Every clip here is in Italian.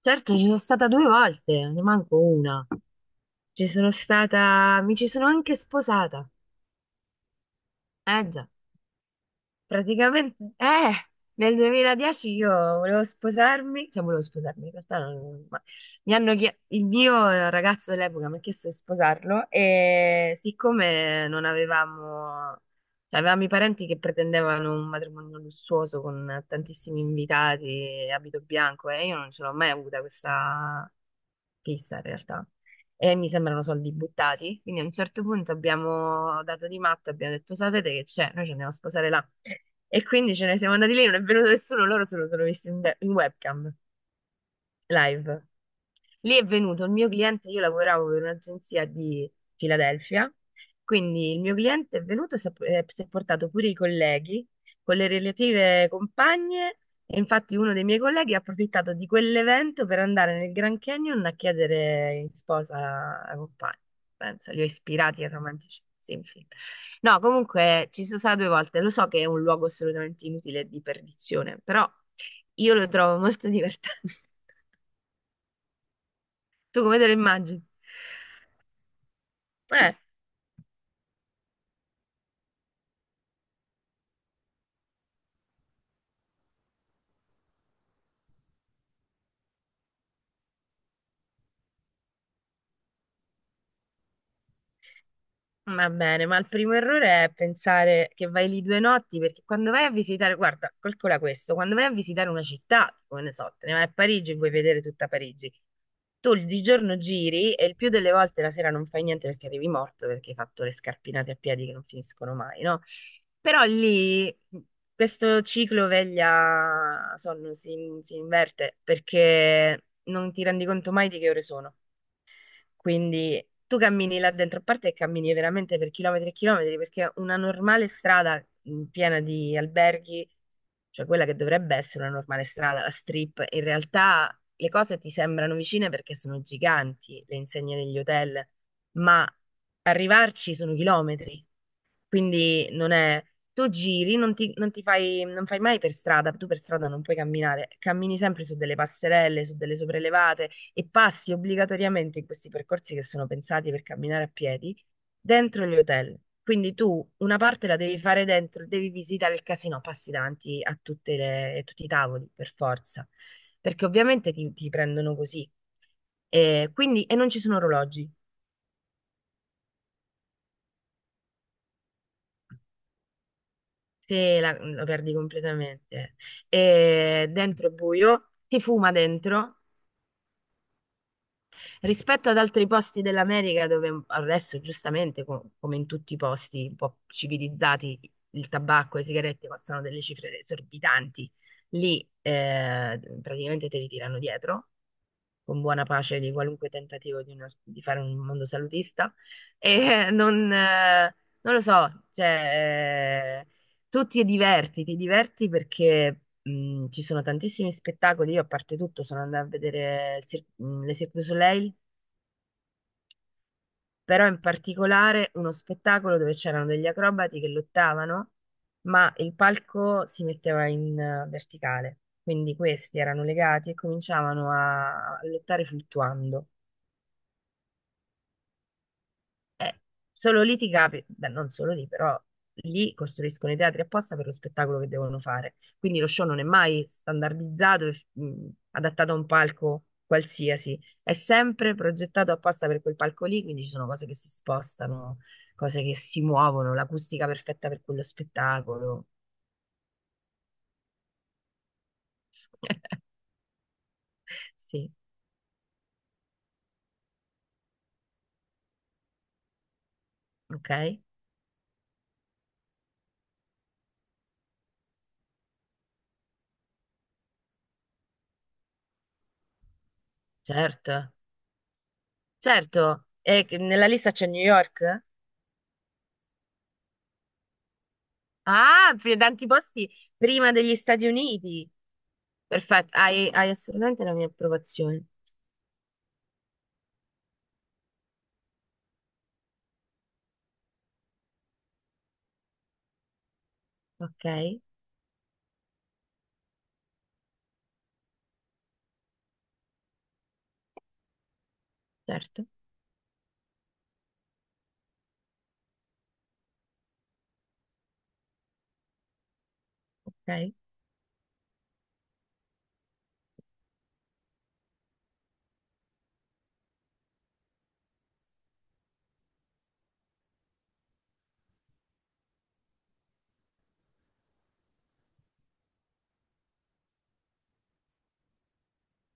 Certo, ci sono stata due volte, ne manco una. Ci sono stata, mi ci sono anche sposata. Eh già, praticamente, nel 2010 io volevo sposarmi, cioè volevo sposarmi, in realtà ma il mio ragazzo dell'epoca mi ha chiesto di sposarlo e siccome non avevamo, cioè avevamo i parenti che pretendevano un matrimonio lussuoso con tantissimi invitati, abito bianco e io non ce l'ho mai avuta questa fissa in realtà. E mi sembrano soldi buttati. Quindi a un certo punto abbiamo dato di matto, abbiamo detto: sapete che c'è? Noi ci andiamo a sposare là. E quindi ce ne siamo andati lì, non è venuto nessuno, loro se lo sono visti in webcam live. Lì è venuto il mio cliente, io lavoravo per un'agenzia di Filadelfia, quindi il mio cliente è venuto e si è portato pure i colleghi con le relative compagne, e infatti uno dei miei colleghi ha approfittato di quell'evento per andare nel Grand Canyon a chiedere in sposa la compagna. Pensa, li ho ispirati ai romantici. Sì, infine. No, comunque ci sono stata due volte, lo so che è un luogo assolutamente inutile e di perdizione, però io lo trovo molto divertente. Tu come te lo immagini? Eh, va bene, ma il primo errore è pensare che vai lì due notti, perché quando vai a visitare, guarda, calcola questo, quando vai a visitare una città, tipo, ne so, te ne vai a Parigi e vuoi vedere tutta Parigi, tu di giorno giri e il più delle volte la sera non fai niente perché arrivi morto, perché hai fatto le scarpinate a piedi che non finiscono mai, no? Però lì questo ciclo veglia-sonno si inverte perché non ti rendi conto mai di che ore sono. Quindi tu cammini là dentro, a parte che cammini veramente per chilometri e chilometri, perché una normale strada piena di alberghi, cioè quella che dovrebbe essere una normale strada, la strip, in realtà le cose ti sembrano vicine perché sono giganti le insegne degli hotel, ma arrivarci sono chilometri. Quindi non è. Tu giri, non ti fai, non fai mai per strada, tu per strada non puoi camminare, cammini sempre su delle passerelle, su delle sopraelevate e passi obbligatoriamente in questi percorsi che sono pensati per camminare a piedi dentro gli hotel. Quindi tu una parte la devi fare dentro, devi visitare il casino, passi davanti a tutti i tavoli per forza, perché ovviamente ti prendono così. E quindi e non ci sono orologi. Sì, lo perdi completamente. E dentro è buio, si fuma dentro. Rispetto ad altri posti dell'America dove adesso, giustamente, come in tutti i posti un po' civilizzati, il tabacco e le sigarette costano delle cifre esorbitanti, lì praticamente te li tirano dietro con buona pace di qualunque tentativo di, di fare un mondo salutista. E non lo so, cioè, tu ti diverti perché ci sono tantissimi spettacoli. Io, a parte tutto, sono andata a vedere il le Cirque du Soleil, però in particolare uno spettacolo dove c'erano degli acrobati che lottavano, ma il palco si metteva in verticale. Quindi questi erano legati e cominciavano a lottare fluttuando. Eh, solo lì beh, non solo lì, però lì costruiscono i teatri apposta per lo spettacolo che devono fare. Quindi lo show non è mai standardizzato e adattato a un palco qualsiasi, è sempre progettato apposta per quel palco lì, quindi ci sono cose che si spostano, cose che si muovono, l'acustica perfetta per quello spettacolo. Sì, ok, certo, certo. E nella lista c'è New York? Ah, per tanti posti prima degli Stati Uniti. Perfetto, hai assolutamente la mia approvazione. Ok, certo, ok,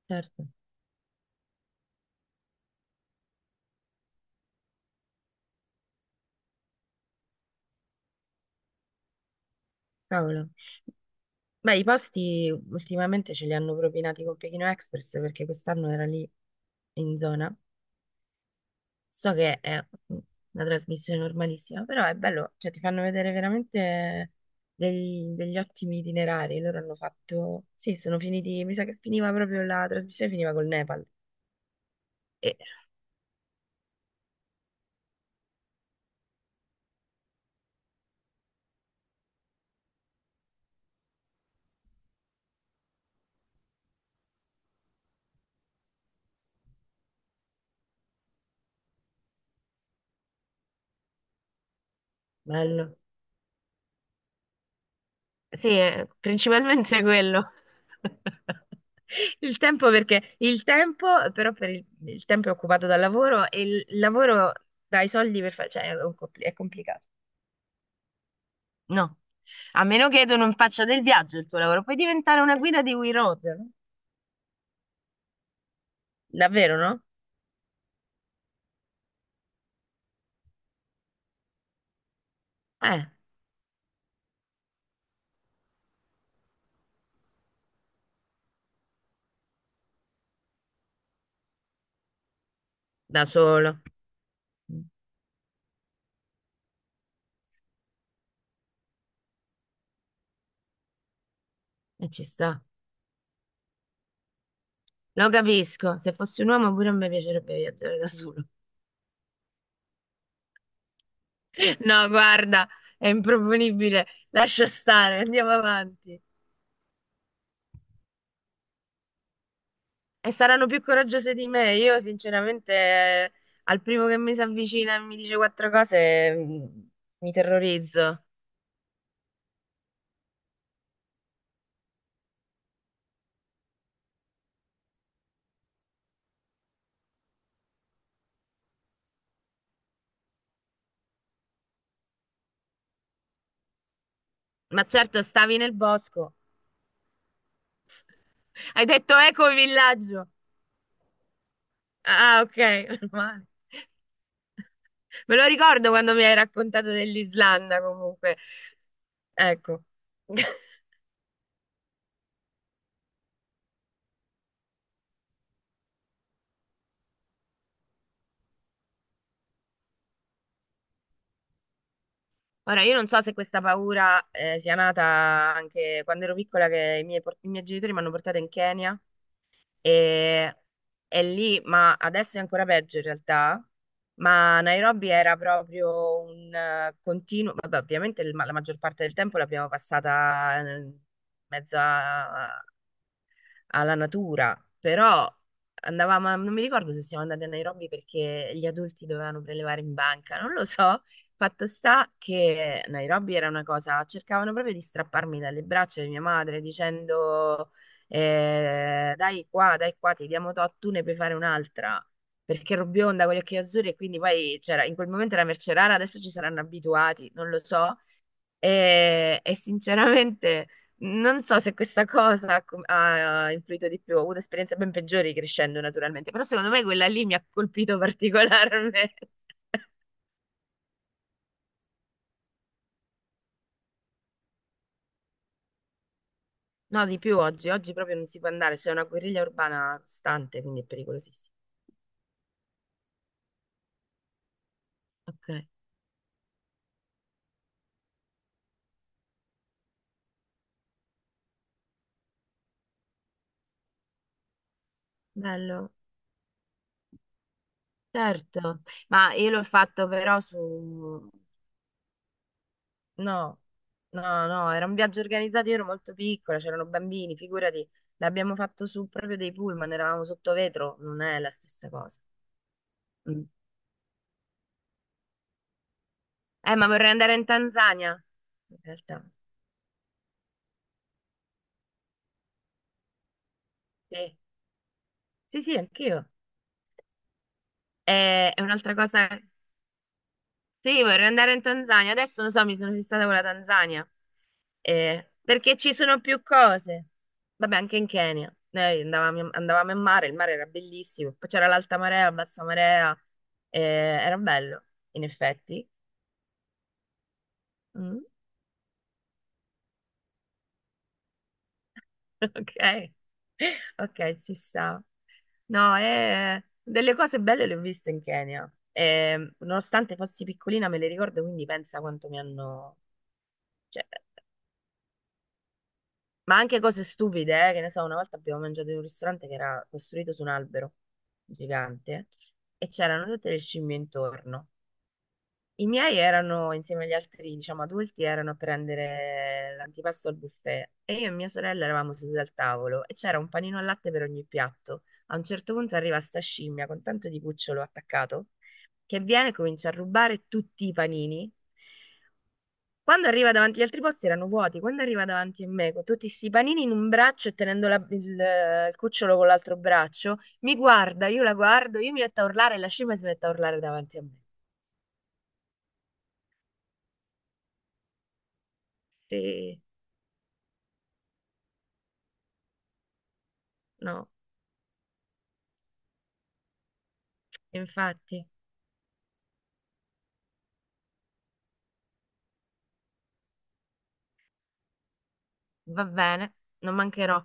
certo. Cavolo. Beh, i posti ultimamente ce li hanno propinati con Pechino Express perché quest'anno era lì in zona. So che è una trasmissione normalissima, però è bello, cioè ti fanno vedere veramente degli ottimi itinerari. Loro hanno fatto, sì, sono finiti, mi sa che finiva proprio la trasmissione, finiva col Nepal. E bello. Sì, principalmente quello. Il tempo perché il tempo, però per il tempo è occupato dal lavoro e il lavoro dai soldi per fare, cioè è complicato. No, a meno che tu non faccia del viaggio il tuo lavoro, puoi diventare una guida di We Road. No? Davvero, no? Eh, da solo. Mm. E ci sta. Lo capisco, se fossi un uomo pure a me piacerebbe viaggiare da solo. No, guarda, è improponibile. Lascia stare, andiamo avanti. E saranno più coraggiose di me. Io, sinceramente, al primo che mi si avvicina e mi dice quattro cose, mi terrorizzo. Ma certo, stavi nel bosco. Hai detto eco villaggio. Ah, ok, meno male. Me lo ricordo quando mi hai raccontato dell'Islanda, comunque. Ecco. Ora, io non so se questa paura sia nata anche quando ero piccola, che i miei genitori mi hanno portata in Kenya. E, e lì, ma adesso è ancora peggio in realtà, ma Nairobi era proprio un continuo, vabbè, ovviamente la maggior parte del tempo l'abbiamo passata in mezzo alla natura, però andavamo, non mi ricordo se siamo andati a Nairobi perché gli adulti dovevano prelevare in banca, non lo so. Fatto sta che Nairobi era una cosa, cercavano proprio di strapparmi dalle braccia di mia madre dicendo dai qua, ti diamo tot, tu ne puoi fare un'altra. Perché ero bionda con gli occhi azzurri e quindi poi c'era, in quel momento era merce rara, adesso ci saranno abituati, non lo so, e sinceramente non so se questa cosa ha influito di più. Ho avuto esperienze ben peggiori crescendo, naturalmente, però secondo me quella lì mi ha colpito particolarmente. No, di più oggi. Oggi proprio non si può andare, c'è una guerriglia urbana costante, quindi è pericolosissimo. Ok, bello. Certo, ma io l'ho fatto però su. No, no, no, era un viaggio organizzato, io ero molto piccola, c'erano bambini, figurati, l'abbiamo fatto su proprio dei pullman, eravamo sotto vetro, non è la stessa cosa. Mm. Ma vorrei andare in Tanzania, in realtà. Sì, sì, sì, anch'io. È un'altra cosa. Sì, vorrei andare in Tanzania, adesso non so, mi sono fissata con la Tanzania. Perché ci sono più cose. Vabbè, anche in Kenya. Noi andavamo in mare, il mare era bellissimo. Poi c'era l'alta marea, la bassa marea. Era bello, in effetti. Mm. Ok, ok, ci sta. No, delle cose belle le ho viste in Kenya. Nonostante fossi piccolina, me le ricordo, quindi pensa quanto mi hanno. Cioè. Ma anche cose stupide, che ne so, una volta abbiamo mangiato in un ristorante che era costruito su un albero gigante e c'erano tutte le scimmie intorno. I miei erano, insieme agli altri, diciamo, adulti, erano a prendere l'antipasto al buffet e io e mia sorella eravamo sedute al tavolo e c'era un panino al latte per ogni piatto. A un certo punto arriva sta scimmia con tanto di cucciolo attaccato che viene e comincia a rubare tutti i panini. Quando arriva davanti agli altri posti erano vuoti, quando arriva davanti a me con tutti sti panini in un braccio e tenendo il cucciolo con l'altro braccio, mi guarda, io la guardo, io mi metto a urlare e la scimmia si mette a urlare davanti a me. Sì, no, infatti, va bene, non mancherò.